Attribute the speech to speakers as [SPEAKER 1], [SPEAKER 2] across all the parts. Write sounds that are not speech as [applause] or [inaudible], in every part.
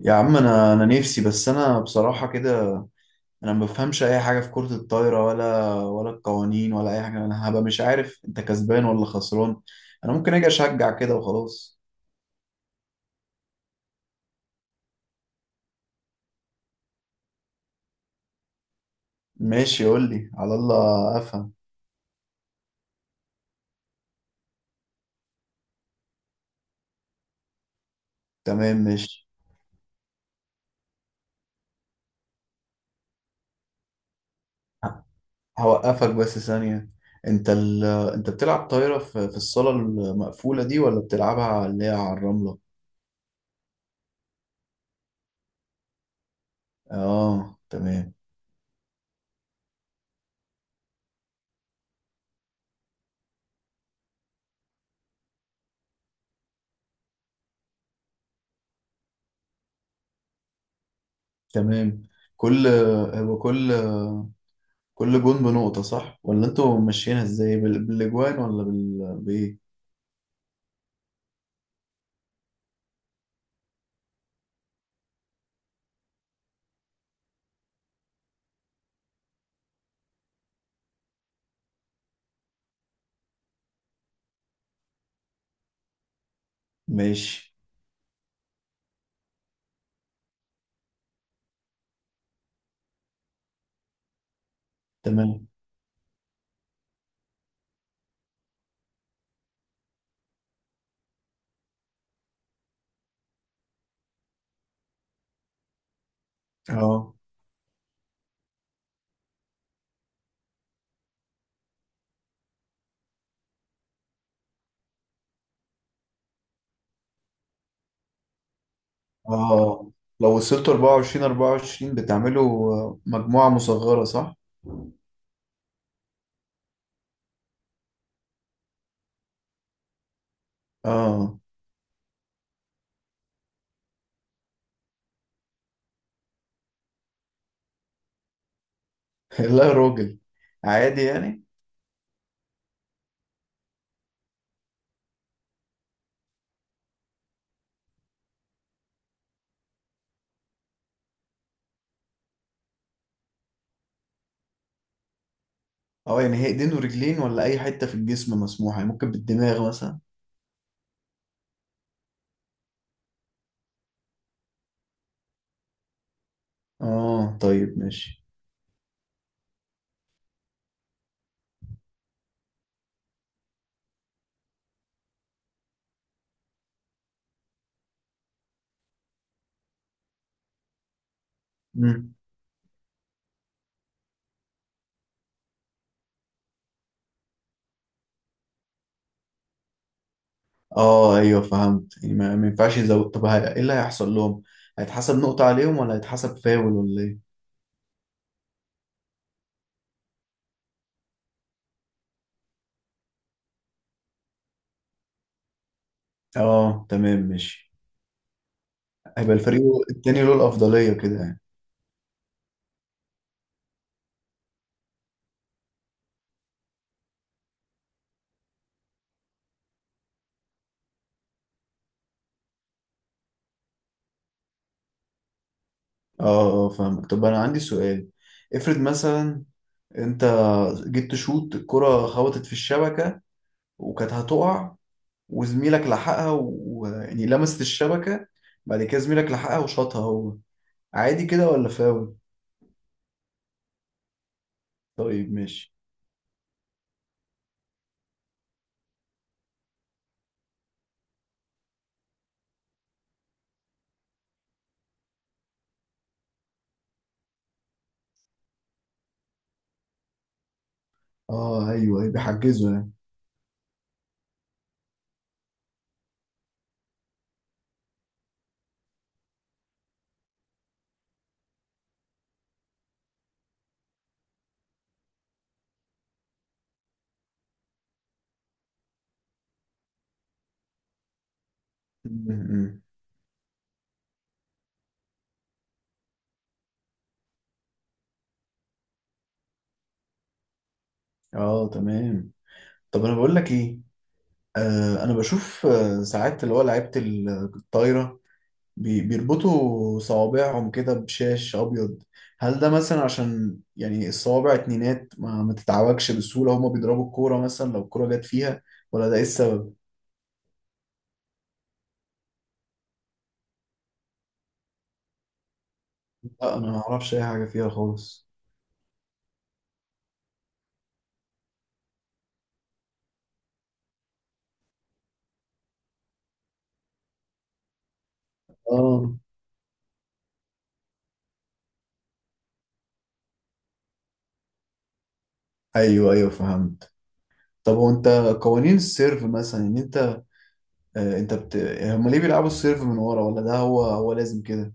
[SPEAKER 1] يا عم، انا نفسي. بس انا بصراحه كده، انا ما بفهمش اي حاجه في كره الطايره، ولا القوانين ولا اي حاجه. انا هبقى مش عارف انت كسبان ولا خسران. انا ممكن اجي اشجع كده وخلاص. ماشي، قول لي على الله افهم. تمام ماشي. ه- هوقفك بس ثانيه. انت ال... انت بتلعب طايره في الصاله المقفوله دي، ولا بتلعبها اللي هي على الرمله؟ اه تمام. تمام، كل هو كل كل جون بنقطة، صح؟ ولا انتوا ماشيينها ازاي، بالاجوان بايه؟ ماشي تمام. اه اه، لو وصلتوا 24-24 بتعملوا مجموعة مصغرة، صح؟ اه. [laughs] لا يا راجل، عادي يعني. اه يعني هي ايدين ورجلين ولا اي حتة في الجسم مسموحة؟ يعني ممكن بالدماغ مثلا. اه طيب ماشي. مم. اه ايوه فهمت. يعني ما ينفعش يزود؟ طب ايه اللي هيحصل لهم؟ هيتحسب نقطة عليهم ولا هيتحسب فاول، ولا ايه؟ اه تمام ماشي. هيبقى الفريق التاني له الأفضلية كده يعني. اه اه فاهمك. طب أنا عندي سؤال. افرض مثلا أنت جيت تشوط الكرة، خبطت في الشبكة، وكانت هتقع، وزميلك لحقها، ويعني لمست الشبكة، بعد كده زميلك لحقها وشاطها هو. عادي كده ولا فاول؟ طيب ماشي. اه ايوه أيوة، بيحجزوا يعني. م. اه تمام. طب انا بقول لك ايه، آه انا بشوف آه ساعات اللي هو لعيبه الطايره بيربطوا صوابعهم كده بشاش أبيض. هل ده مثلا عشان يعني الصوابع اتنينات ما تتعوجش بسهولة هما بيضربوا الكورة مثلا، لو الكورة جت فيها؟ ولا ده إيه السبب؟ لا أنا ما أعرفش أي حاجة فيها خالص. آه أيوه أيوه فهمت. طب هو أنت قوانين السيرف مثلا إن أنت، آه أنت بت... هما ليه بيلعبوا السيرف من ورا؟ ولا ده هو لازم كده؟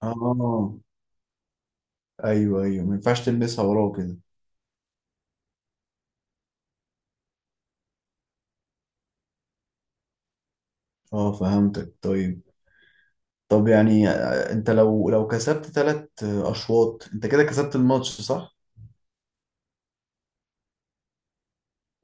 [SPEAKER 1] آه أيوه أيوه، ما ينفعش تلمسها وراه كده. آه فهمتك طيب. طب يعني انت لو كسبت ثلاث اشواط انت كده كسبت الماتش، صح؟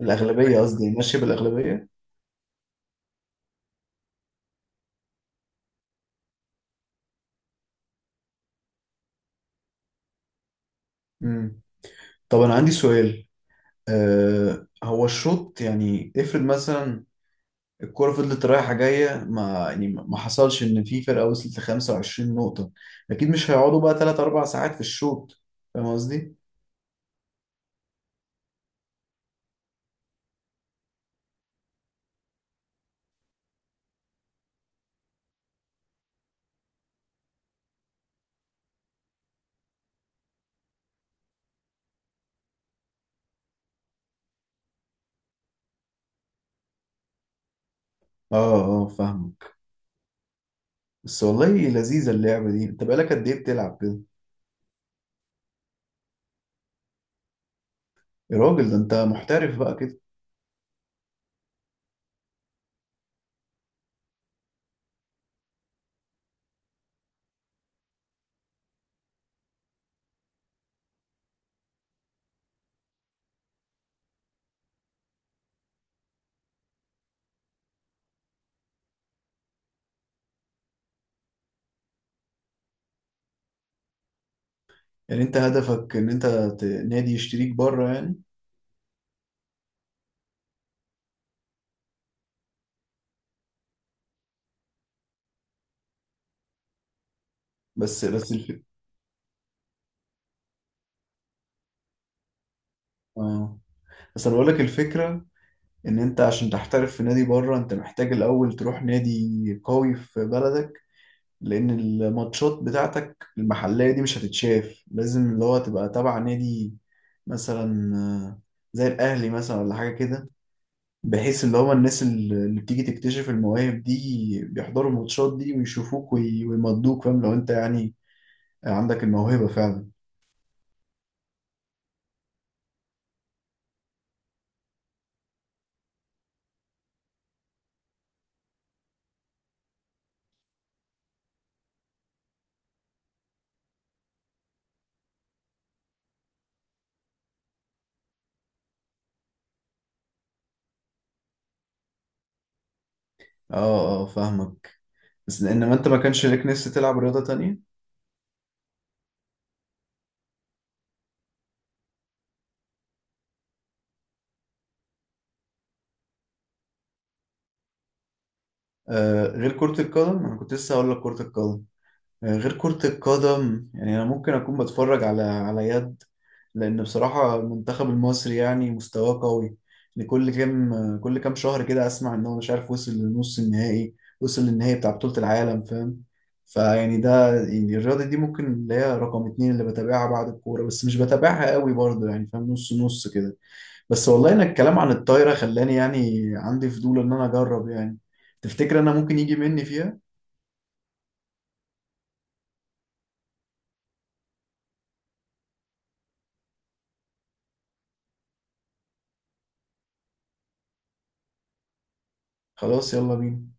[SPEAKER 1] الاغلبيه، تمام، قصدي ماشيه بالاغلبيه. امم طب انا عندي سؤال. آه هو الشوط يعني، افرض مثلا الكرة فضلت رايحة جاية، ما يعني ما حصلش إن في فرقة وصلت ل 25 نقطة. أكيد مش هيقعدوا بقى تلات أربع ساعات في الشوط، فاهم قصدي؟ آه آه فاهمك. بس والله لذيذة اللعبة دي، أنت بقالك قد إيه بتلعب كده؟ يا راجل ده أنت محترف بقى. يعني انت هدفك ان انت نادي يشتريك بره يعني. بس الفكرة، اه، بس انا بقول لك الفكرة، ان انت عشان تحترف في نادي بره، انت محتاج الاول تروح نادي قوي في بلدك. لان الماتشات بتاعتك المحلية دي مش هتتشاف، لازم اللي هو تبقى تبع نادي مثلا، زي الاهلي مثلا ولا حاجة كده. بحيث اللي هو الناس اللي بتيجي تكتشف المواهب دي بيحضروا الماتشات دي ويشوفوك ويمضوك، فاهم؟ لو انت يعني عندك الموهبة فعلا. اه اه فاهمك. بس انما انت ما كانش ليك نفس تلعب رياضة تانية؟ آه غير كرة القدم، انا كنت لسه هقول لك كرة القدم. آه غير كرة القدم، يعني انا ممكن اكون بتفرج على يد، لان بصراحة المنتخب المصري يعني مستواه قوي. لكل كام كل كام شهر كده اسمع ان هو مش عارف وصل للنص النهائي، وصل للنهائي بتاع بطولة العالم، فاهم؟ فيعني ده يعني الرياضة دي ممكن اللي هي رقم اتنين اللي بتابعها بعد الكورة. بس مش بتابعها قوي برضه، يعني فاهم، نص نص كده. بس والله ان الكلام عن الطايره خلاني يعني عندي فضول ان انا اجرب يعني. تفتكر انا ممكن يجي مني فيها؟ خلاص يلا بينا.